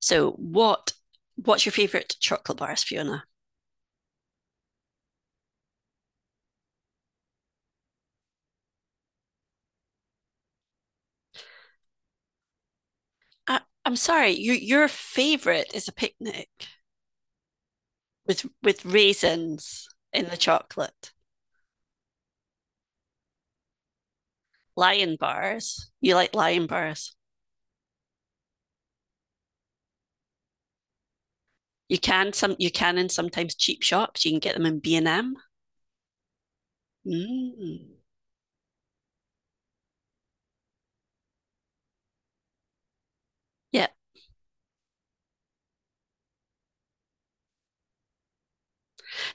So what's your favorite chocolate bars, Fiona? I'm sorry, you, your favorite is a picnic with raisins in the chocolate. Lion bars. You like lion bars. You can some you can in Sometimes cheap shops, you can get them in B and M. Mm. Yeah.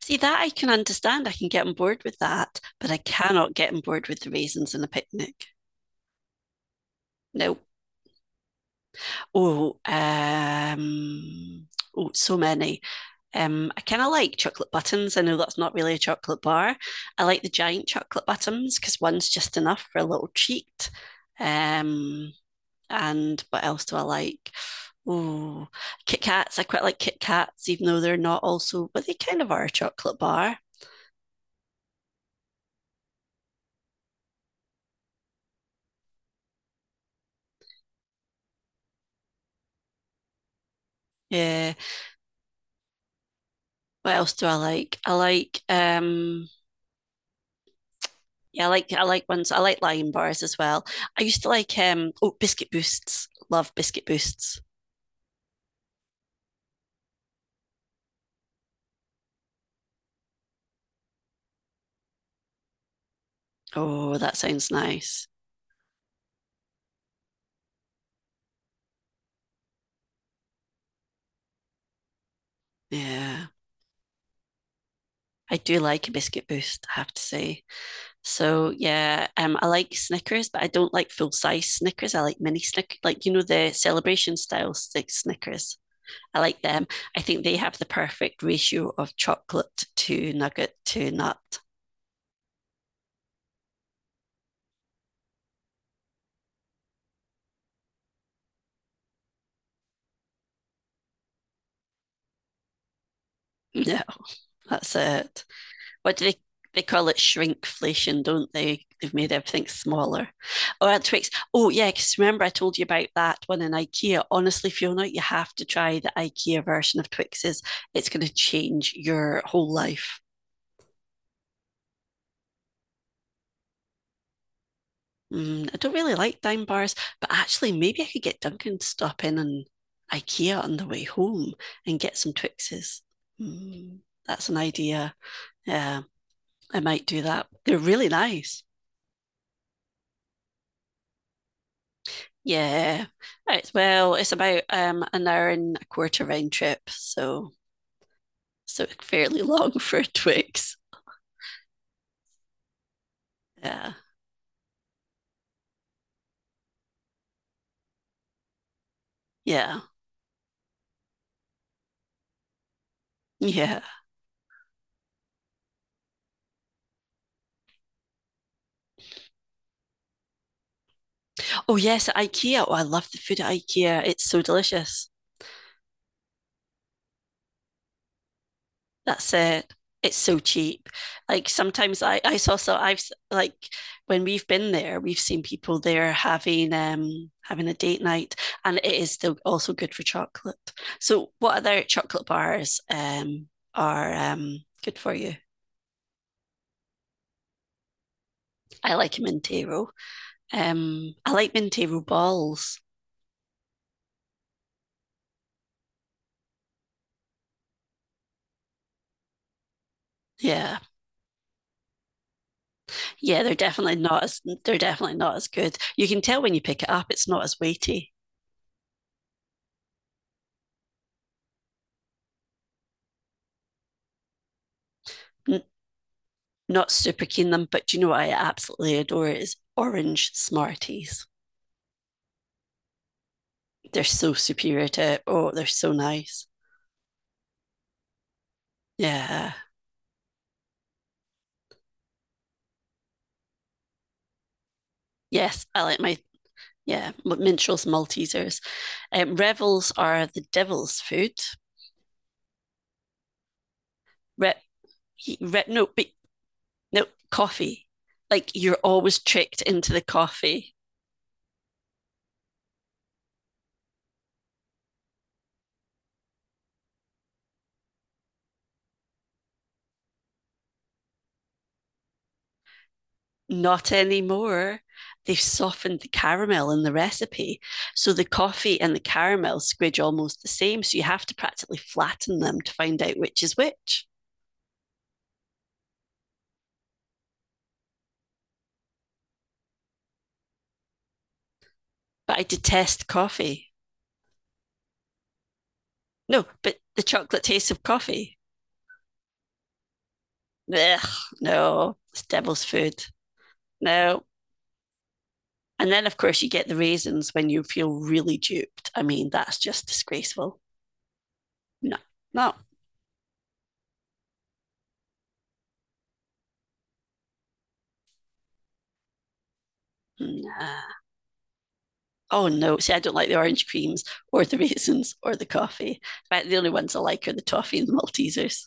See, that I can understand. I can get on board with that, but I cannot get on board with the raisins in a picnic. No. Oh, um, oh, so many. I kind of like chocolate buttons. I know that's not really a chocolate bar. I like the giant chocolate buttons because one's just enough for a little treat. Um, and what else do I like? Oh, Kit Kats. I quite like Kit Kats, even though they're not also, but they kind of are a chocolate bar. Yeah. What else do I like? I like yeah, I like ones I like lion bars as well. I used to like oh, biscuit boosts. Love biscuit boosts. Oh, that sounds nice. Yeah. I do like a biscuit boost, I have to say. So yeah, I like Snickers, but I don't like full size Snickers. I like mini Snickers, like, you know, the celebration style stick Snickers. I like them. I think they have the perfect ratio of chocolate to nugget to nut. Yeah, that's it. What do they they call it? Shrinkflation, don't they? They've made everything smaller. Or Twix. Oh yeah, because remember I told you about that one in IKEA. Honestly, Fiona, you have to try the IKEA version of Twixes. It's going to change your whole life. Mm, I don't really like dime bars, but actually maybe I could get Duncan to stop in and IKEA on the way home and get some Twixes. Mm, that's an idea. Yeah, I might do that. They're really nice. Yeah. it's Well, it's about an hour and a quarter round trip, so fairly long for Twix. Yeah. Yeah. Yeah. Oh yes, at IKEA. Oh, I love the food at IKEA. It's so delicious. That's it. It's so cheap. Like sometimes I saw so I've s- like when we've been there, we've seen people there having having a date night, and it is still also good for chocolate. So what other chocolate bars are good for you? I like Mintero. I like Mintero balls. Yeah, yeah, they're definitely not as good. You can tell when you pick it up; it's not as weighty. N- Not super keen them, but do you know what I absolutely adore is orange Smarties. They're so superior to Oh, they're so nice. Yeah, yes, I like Minstrels, Maltesers. Revels are the devil's food. Re- he- re- no, but No, coffee. Like you're always tricked into the coffee. Not anymore. They've softened the caramel in the recipe. So the coffee and the caramel squidge almost the same. So you have to practically flatten them to find out which is which. But I detest coffee. No, but the chocolate taste of coffee. Ugh, no, it's devil's food. No. And then, of course, you get the raisins when you feel really duped. I mean, that's just disgraceful. No, no, nah. Oh, no. See, I don't like the orange creams or the raisins or the coffee. In fact, the only ones I like are the toffee and the Maltesers.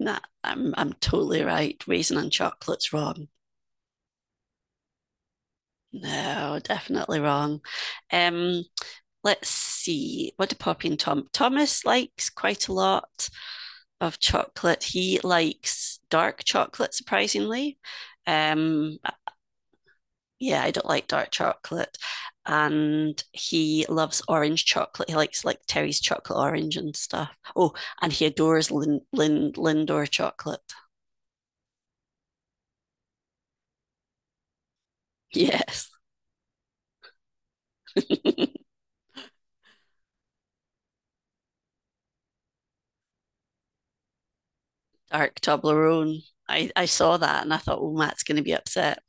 Nah, I'm totally right. Raisin and chocolate's wrong. No, definitely wrong. Um, let's see. What do Poppy and Tom? Thomas likes quite a lot of chocolate. He likes dark chocolate, surprisingly. Um, yeah, I don't like dark chocolate. And he loves orange chocolate. He likes like Terry's chocolate orange and stuff. Oh, and he adores Lindor chocolate. Yes. Dark Toblerone. I saw that and I thought, oh, Matt's going to be upset.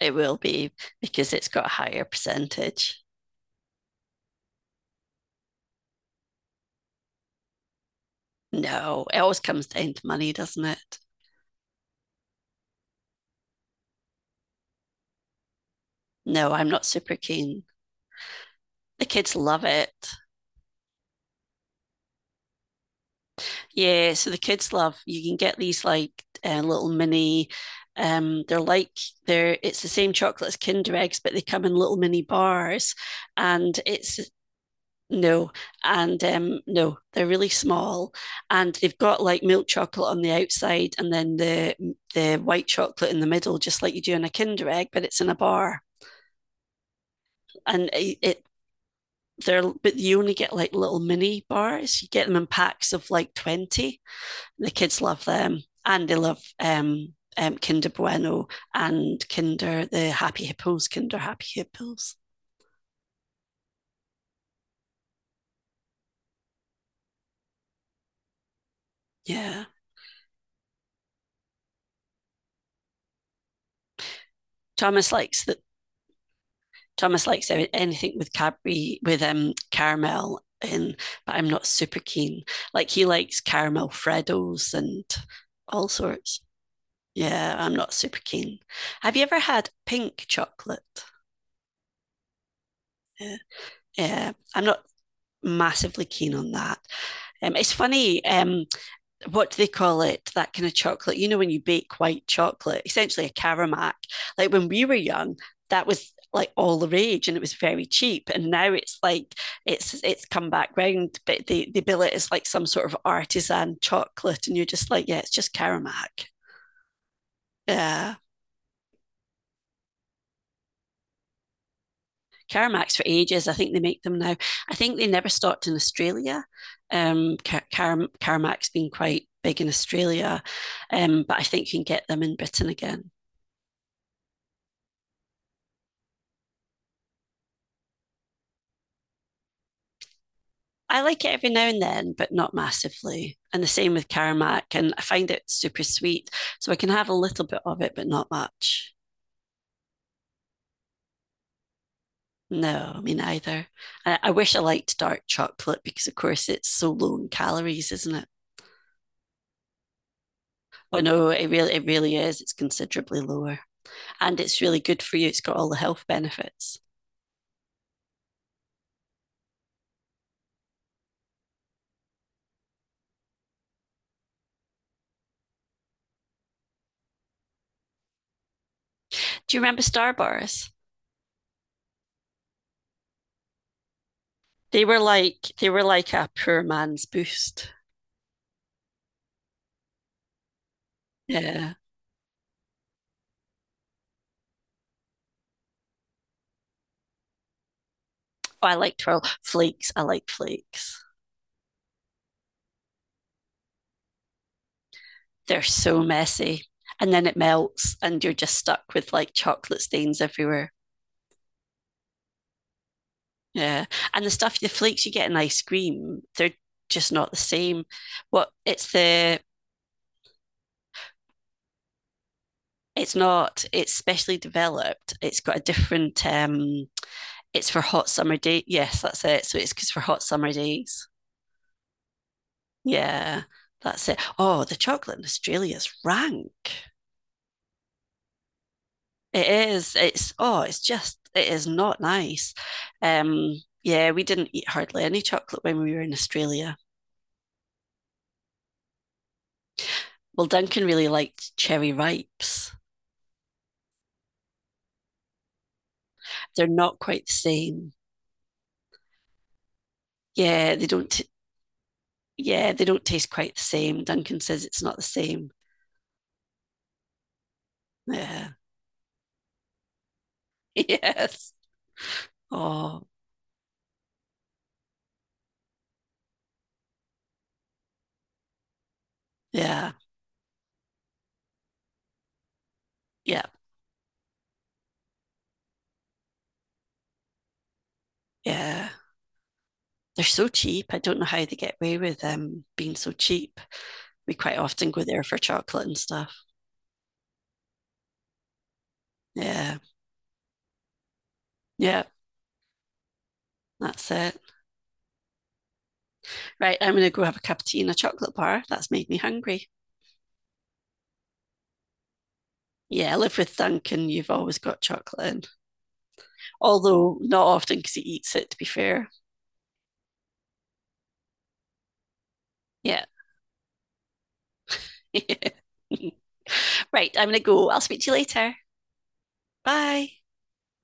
It will be because it's got a higher percentage. No, it always comes down to money, doesn't it? No, I'm not super keen. The kids love it. Yeah, so the kids love you can get these like little mini they're like they're it's the same chocolate as Kinder eggs, but they come in little mini bars, and it's no. And no, they're really small, and they've got like milk chocolate on the outside and then the white chocolate in the middle, just like you do in a Kinder egg, but it's in a bar. And it they're, but you only get like little mini bars; you get them in packs of like 20. The kids love them, and they love Kinder Bueno and Kinder the Happy Hippos. Kinder Happy Hippos. Yeah, Thomas likes that. Thomas likes anything with Cadbury with caramel in, but I'm not super keen. Like he likes caramel Freddos and all sorts. Yeah, I'm not super keen. Have you ever had pink chocolate? Yeah, yeah, I'm not massively keen on that. It's funny. What do they call it? That kind of chocolate. You know, when you bake white chocolate, essentially a caramac. Like when we were young, that was like all the rage and it was very cheap. And now it's like it's come back round, but they bill it as like some sort of artisan chocolate. And you're just like, yeah, it's just caramac. Yeah. Caramacs for ages. I think they make them now. I think they never stopped in Australia. Caramac's been quite big in Australia, but I think you can get them in Britain again. I like it every now and then, but not massively. And the same with caramac. And I find it super sweet. So I can have a little bit of it, but not much. No, me neither. I wish I liked dark chocolate because, of course, it's so low in calories, isn't it? Oh no, it really is. It's considerably lower, and it's really good for you. It's got all the health benefits. Do you remember Star Bars? They were like a poor man's boost. Yeah. Oh, I like twirl flakes. I like flakes. They're so messy. And then it melts and you're just stuck with like chocolate stains everywhere. Yeah. And the stuff, the flakes you get in ice cream, they're just not the same. What it's the It's not, it's specially developed, it's got a different it's for hot summer day. Yes, that's it, so it's because for hot summer days, yeah, that's it. Oh, the chocolate in Australia is rank. It is. It's oh, it's just, it is not nice. Um, yeah, we didn't eat hardly any chocolate when we were in Australia. Well, Duncan really liked cherry ripes. They're not quite the same. Yeah, they don't. T- Yeah, they don't taste quite the same. Duncan says it's not the same. Yeah. Yes. Oh, yeah. Yeah. Yeah. They're so cheap. I don't know how they get away with being so cheap. We quite often go there for chocolate and stuff. Yeah. Yeah. That's it. Right, I'm going to go have a cup of tea and a chocolate bar. That's made me hungry. Yeah, I live with Duncan. You've always got chocolate in, although not often because he eats it, to be fair. Yeah. Right, I'm going to go. I'll speak to you later. Bye.